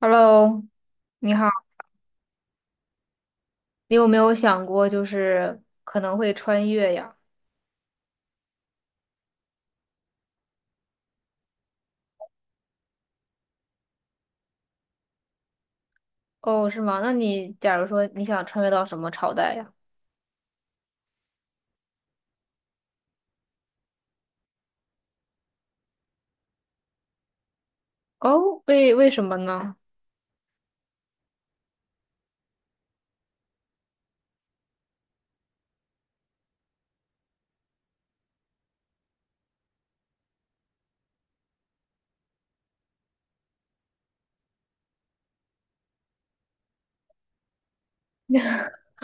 Hello，你好，你有没有想过就是可能会穿越呀？哦，是吗？那你假如说你想穿越到什么朝代呀？哦，为什么呢？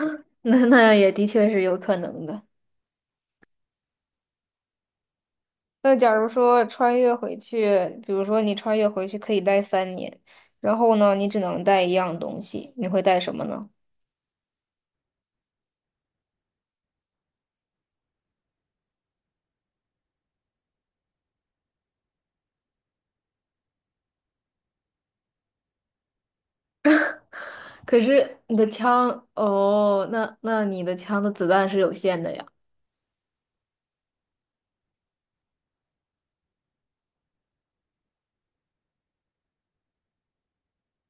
那也的确是有可能的。那假如说穿越回去，比如说你穿越回去可以待三年，然后呢，你只能带一样东西，你会带什么呢？可是你的枪，哦，那你的枪的子弹是有限的呀。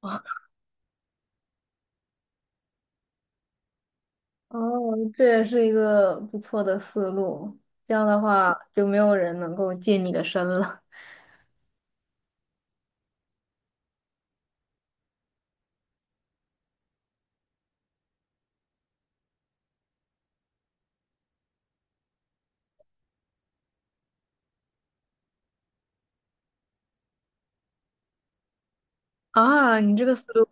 啊。哦，这也是一个不错的思路。这样的话，就没有人能够近你的身了。啊，你这个思路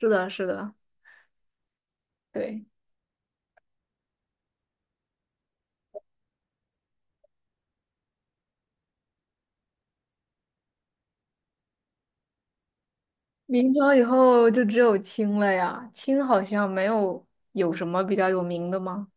是的，是的，对。明朝以后就只有清了呀，清好像没有，有什么比较有名的吗？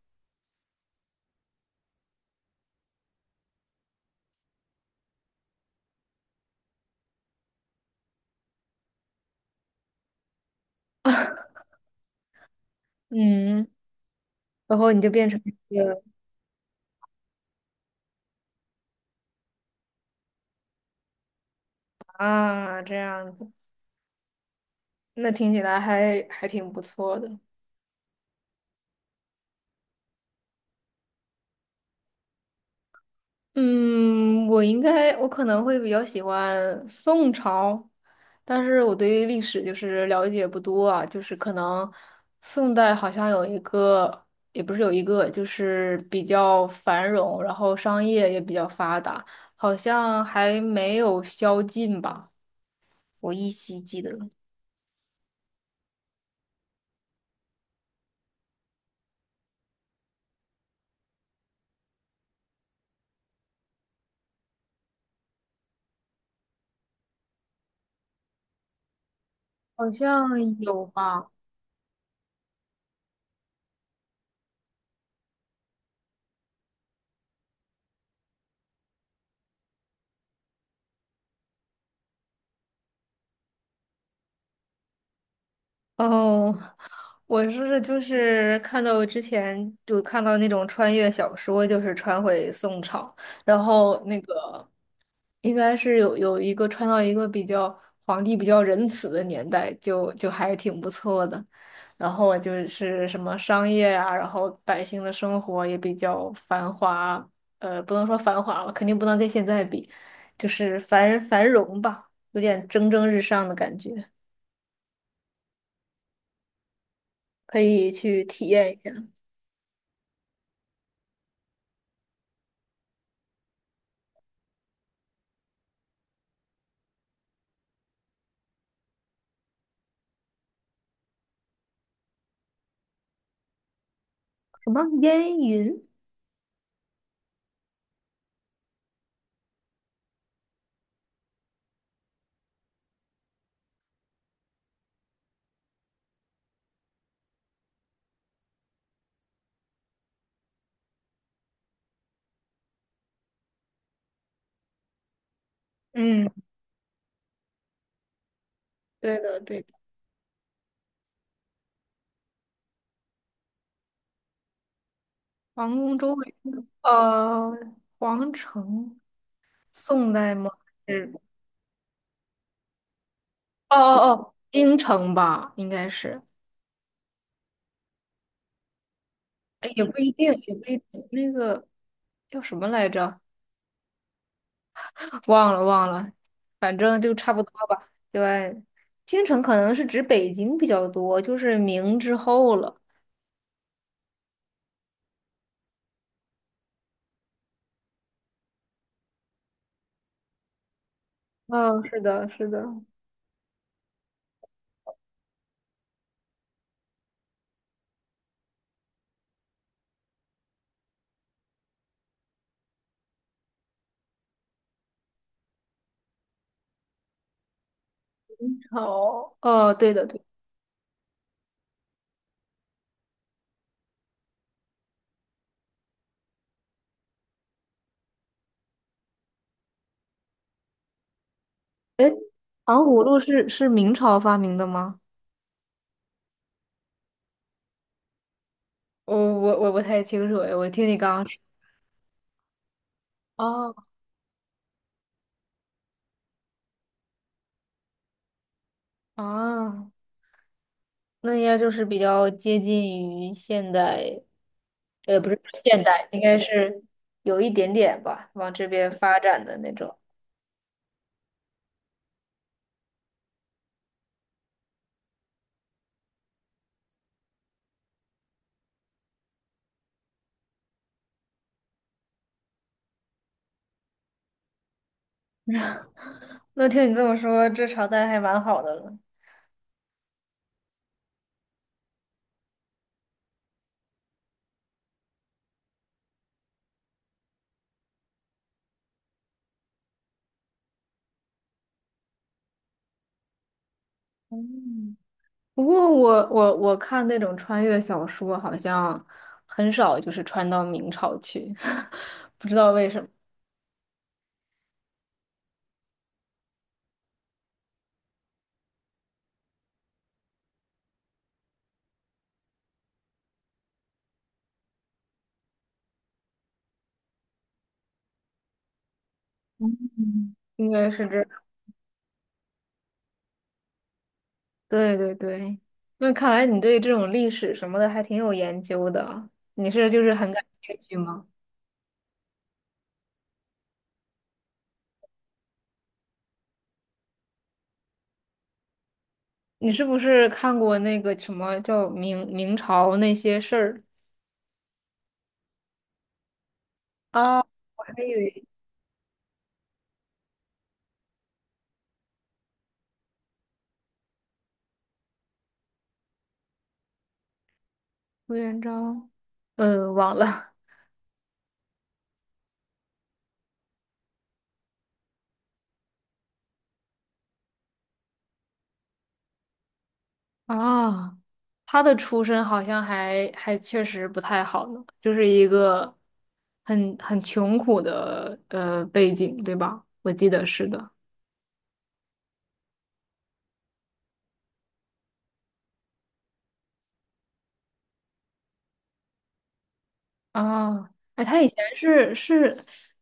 嗯，然后你就变成一个啊，这样子，那听起来还挺不错的。嗯，我应该，我可能会比较喜欢宋朝，但是我对于历史就是了解不多啊，就是可能宋代好像有一个，也不是有一个，就是比较繁荣，然后商业也比较发达，好像还没有宵禁吧，我依稀记得。好像有吧。哦，我是就是看到之前就看到那种穿越小说，就是穿回宋朝，然后那个应该是有一个穿到一个比较皇帝比较仁慈的年代，就还挺不错的。然后我就是什么商业啊，然后百姓的生活也比较繁华，不能说繁华吧，肯定不能跟现在比，就是繁荣吧，有点蒸蒸日上的感觉，可以去体验一下。什么烟云？嗯，对的，对的。皇宫周围是皇城，宋代吗？是哦哦哦，京城吧，应该是。哎，也不一定，也不一定。那个叫什么来着？忘了，反正就差不多吧。对，京城可能是指北京比较多，就是明之后了。嗯、是的，是的。哦哦，对的对。哎，糖葫芦是明朝发明的吗？我不太清楚哎，我听你刚刚说。哦啊，那应该就是比较接近于现代，不是现代，应该是有一点点吧，往这边发展的那种。那听你这么说，这朝代还蛮好的了。嗯，不过我看那种穿越小说，好像很少就是穿到明朝去，不知道为什么，嗯，应该是这。对对对，那看来你对这种历史什么的还挺有研究的。你是就是很感兴趣吗？你是不是看过那个什么叫明朝那些事儿啊？我还以为朱元璋，忘了。 啊。他的出身好像还确实不太好呢，就是一个很穷苦的背景，对吧？我记得是的。啊，哎，他以前是，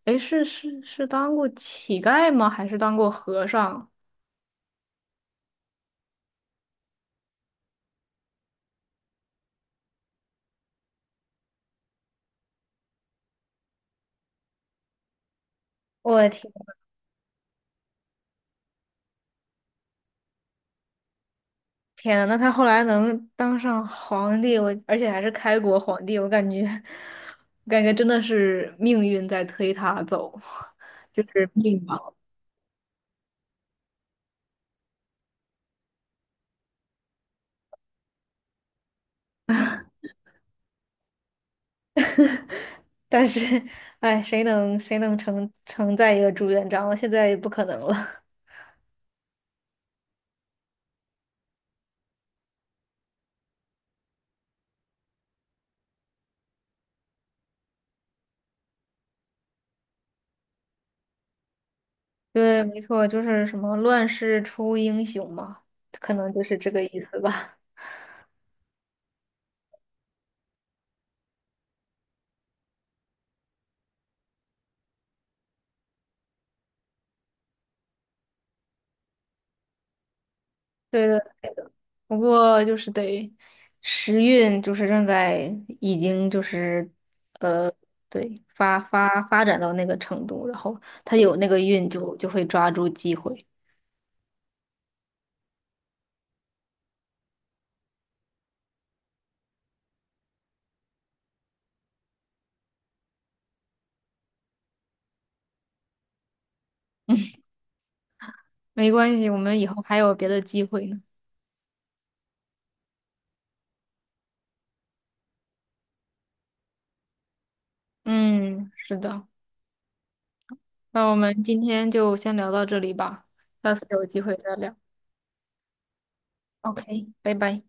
哎，是当过乞丐吗？还是当过和尚？我的天，天呐，那他后来能当上皇帝，我而且还是开国皇帝，我感觉真的是命运在推他走，就是命吧。但是，哎，谁能承载一个朱元璋？现在也不可能了。对，没错，就是什么乱世出英雄嘛，可能就是这个意思吧。对对不过就是得时运，就是正在已经就是对发展到那个程度，然后他有那个运就会抓住机会。没关系，我们以后还有别的机会呢。嗯，是的，那我们今天就先聊到这里吧，下次有机会再聊。OK，拜拜。